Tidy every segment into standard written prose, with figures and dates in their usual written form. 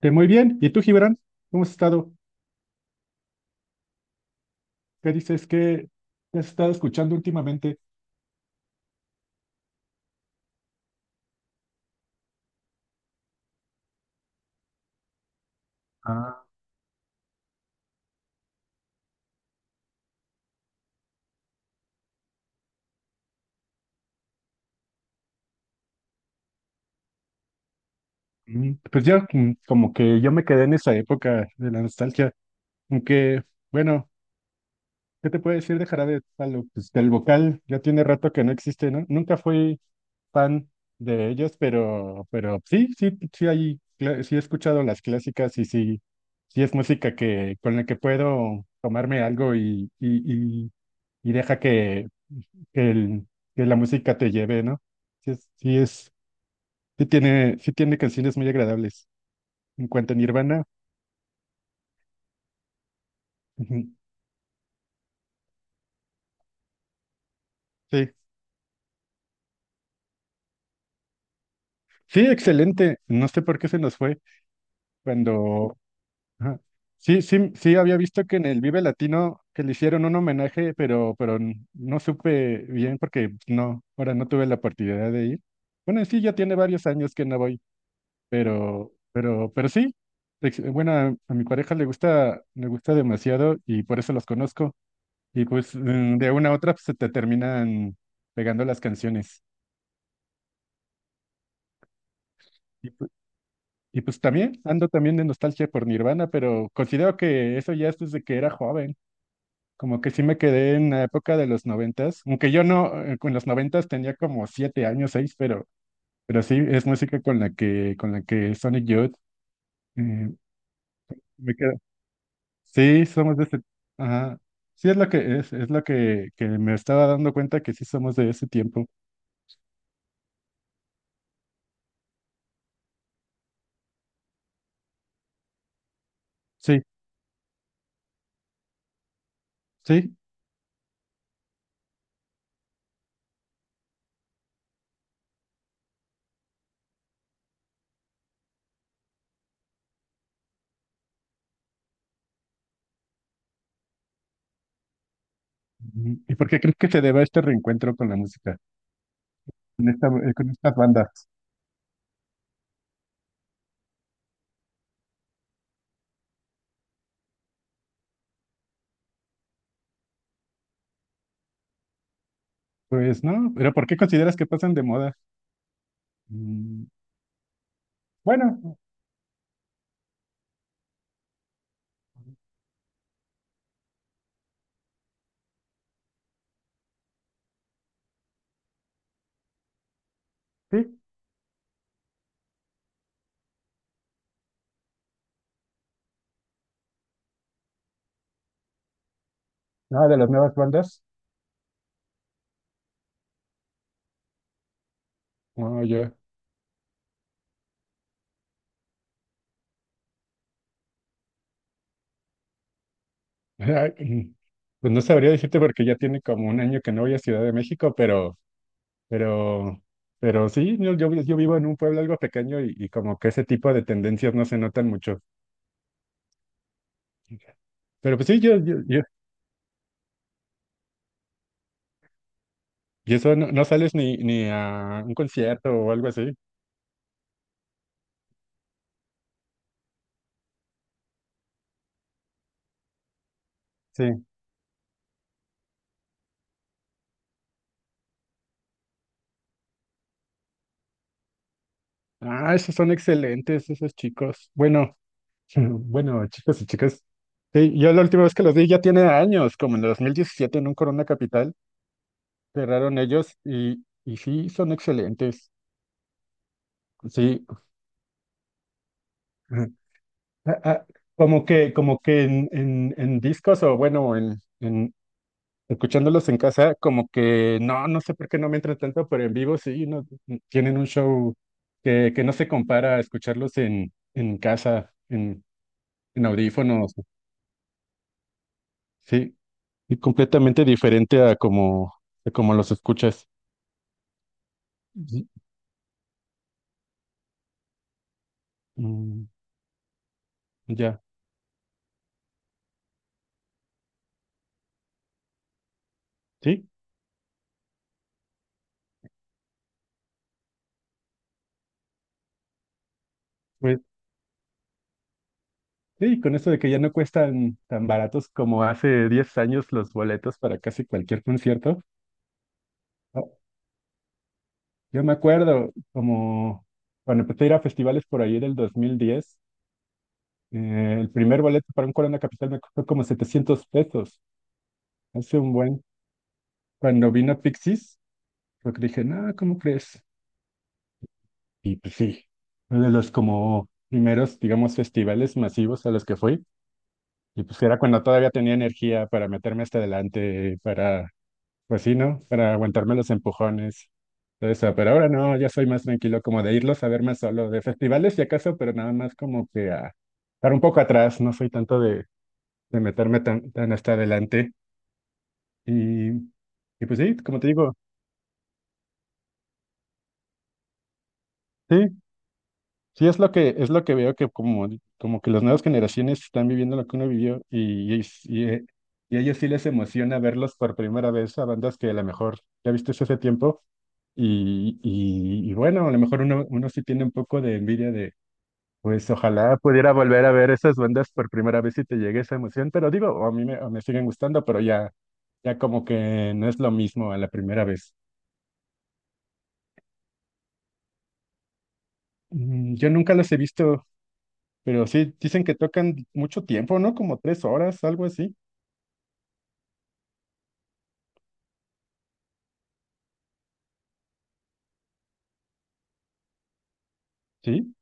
Muy bien. ¿Y tú, Gibran? ¿Cómo has estado? ¿Qué dices? ¿Qué has estado escuchando últimamente? Pues yo como que yo me quedé en esa época de la nostalgia. Aunque, bueno, ¿qué te puedo decir de Jarabe de Palo? Pues del vocal ya tiene rato que no existe, ¿no? Nunca fui fan de ellos, pero sí, sí, sí hay, sí he escuchado las clásicas y sí, sí es música que, con la que puedo tomarme algo y deja que, el- que la música te lleve, ¿no? Sí, es, sí, es, sí tiene canciones muy agradables. En cuanto a Nirvana, ujú, sí, sí, excelente. No sé por qué se nos fue cuando... ajá. Sí, sí, sí, había visto que en el Vive Latino que le hicieron un homenaje, pero, pero no supe bien porque no, ahora no tuve la oportunidad de ir. Bueno, sí, ya tiene varios años que no voy, pero sí. Bueno, a mi pareja le gusta demasiado y por eso los conozco. Y pues de una a otra pues, se te terminan pegando las canciones. Y, pu- y pues también ando también de nostalgia por Nirvana, pero considero que eso ya es desde que era joven. Como que sí me quedé en la época de los noventas, aunque yo no, con los noventas tenía como siete años, seis, pero sí es música con la que Sonic Youth eh, me queda. Sí, somos de ese, ajá. Sí es lo que es lo que me estaba dando cuenta que sí somos de ese tiempo. Sí, sí. ¿Y por qué crees que se deba este reencuentro con la música, con esta, con estas bandas? Pues no, pero ¿por qué consideras que pasan de moda? Mm, Bueno, sí, no, de las nuevas bandas. No, yo, ay, pues no sabría decirte porque ya tiene como un año que no voy a Ciudad de México, pero, pero sí, yo vivo en un pueblo algo pequeño y como que ese tipo de tendencias no se notan mucho. Pero pues sí, y eso no, no sales ni a un concierto o algo así. Sí. Ah, esos son excelentes, esos chicos. Bueno, bueno, chicos y chicas. Sí, yo la última vez que los vi ya tiene años, como en el 2017 en un Corona Capital, cerraron ellos y sí, son excelentes. Sí. Ajá. Ah, ah, como que, como que en discos o bueno, en escuchándolos en casa, como que no, no sé por qué no me entra tanto, pero en vivo sí, no, mm, tienen un show que no se compara a escucharlos en casa, en audífonos. Sí, y completamente diferente a como los escuchas. Ujú. Mm, ya, sí, pues sí, con eso de que ya no cuestan tan baratos como hace 10 años los boletos para casi cualquier concierto. Ah, yo me acuerdo como cuando empecé a ir a festivales por ahí del 2010, el primer boleto para un Corona Capital me costó como 700 pesos. Hace un buen. Cuando vino Pixies, porque dije, no, ¿cómo crees? Y pues sí, uno de los como primeros, digamos, festivales masivos a los que fui. Y pues era cuando todavía tenía energía para meterme hasta adelante, para, pues sí, ¿no? Para aguantarme los empujones, todo eso. Pero ahora no, ya soy más tranquilo, como de irlos a ver más solo, de festivales si acaso, pero nada más como que a estar un poco atrás, no soy tanto de meterme tan hasta adelante. Y, y pues sí, como te digo, sí, sí, es lo que, veo que como, como que las nuevas generaciones están viviendo lo que uno vivió y y a ellos sí les emociona verlos por primera vez a bandas que a lo mejor ya viste hace tiempo y bueno, a lo mejor uno sí tiene un poco de envidia de, pues ojalá pudiera volver a ver esas bandas por primera vez y te llegue esa emoción, pero digo, a mí me, me siguen gustando, pero ya como que no es lo mismo a la primera vez. Yo nunca los he visto. Pero sí, dicen que tocan mucho tiempo, ¿no? Como 3 horas, algo así. Sí.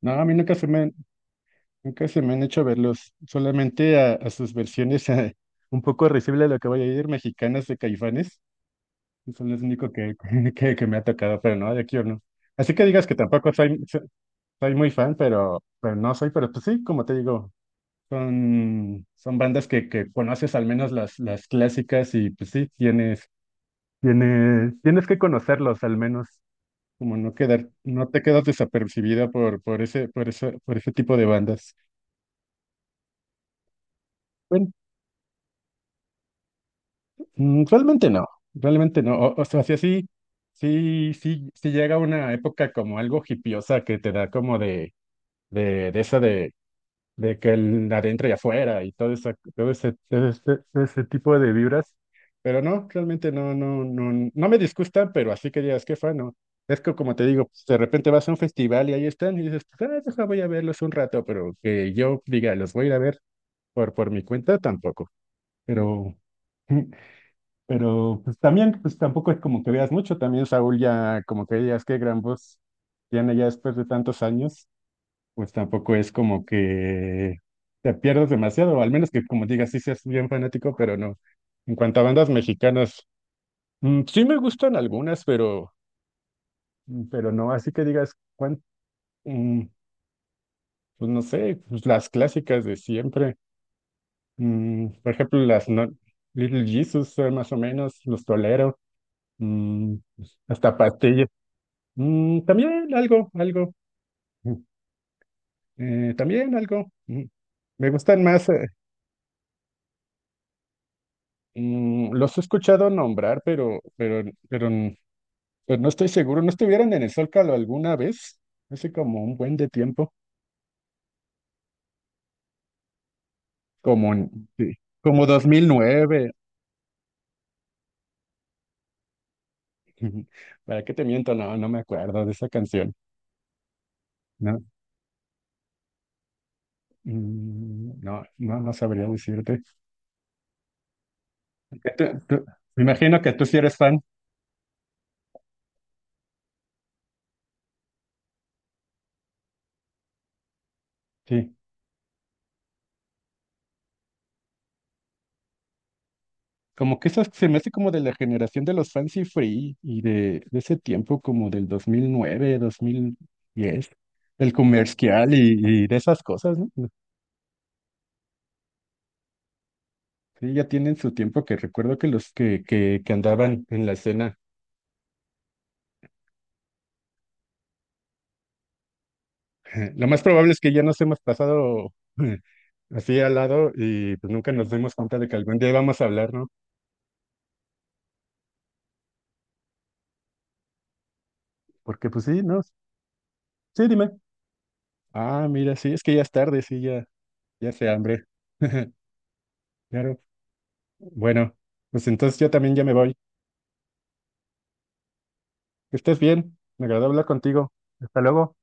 No, a mí nunca se me han hecho verlos, solamente a sus versiones un poco risible de lo que voy a ir, mexicanas de Caifanes. Son los únicos que, que me ha tocado, pero no, de aquí o no. Así que digas que tampoco soy, soy muy fan, pero no soy, pero pues sí, como te digo, son bandas que conoces al menos las clásicas y pues sí, tienes, tienes que conocerlos al menos. Como no quedar, no te quedas desapercibida por ese, por ese tipo de bandas. Bueno, realmente no, realmente no. O sea, sí, sí, sí, sí, sí llega una época como algo hipiosa que te da como de, de esa de que el adentro y afuera y todo todo ese tipo de vibras. Pero no, realmente no, no, no, no me disgusta, pero así que digas, qué fan, ¿no? Es que como te digo, pues, de repente vas a un festival y ahí están y dices, pues, ah, deja, voy a verlos un rato, pero que yo diga, los voy a ir a ver por mi cuenta, tampoco. Pero, pero pues también, pues tampoco es como que veas mucho, también Saúl ya como que digas, qué gran voz tiene ya después de tantos años, pues tampoco es como que te pierdas demasiado, o al menos que como digas, sí seas bien fanático, pero no. En cuanto a bandas mexicanas, sí me gustan algunas, pero, pero no, así que digas, mm, pues no sé, pues las clásicas de siempre. Por ejemplo, las Little Jesus, más o menos, los tolero, mm, hasta Pastillas. También algo, algo, mm, también algo. Mm. Me gustan más. Los he escuchado nombrar, pero no estoy seguro. ¿No estuvieron en el Zócalo alguna vez? Hace como un buen de tiempo, como en, sí, como 2009. ¿Para qué te miento? No, no me acuerdo de esa canción. No, no, no, no sabría decirte. ¿Tú- tú- Me imagino que tú sí eres fan. Sí. Como que esas se me hace como de la generación de los Fancy Free y de ese tiempo como del dos mil nueve 2010, del comercial y de esas cosas, ¿no? Sí, ya tienen su tiempo que recuerdo que los que andaban en la escena. Lo más probable es que ya nos hemos pasado así al lado y pues nunca nos dimos cuenta de que algún día vamos a hablar, ¿no? Porque pues sí, ¿no? Sí, dime. Ah, mira, sí, es que ya es tarde, sí, ya, ya se hambre. Claro. Bueno, pues entonces yo también ya me voy. Que estés bien. Me agradó hablar contigo. Hasta luego.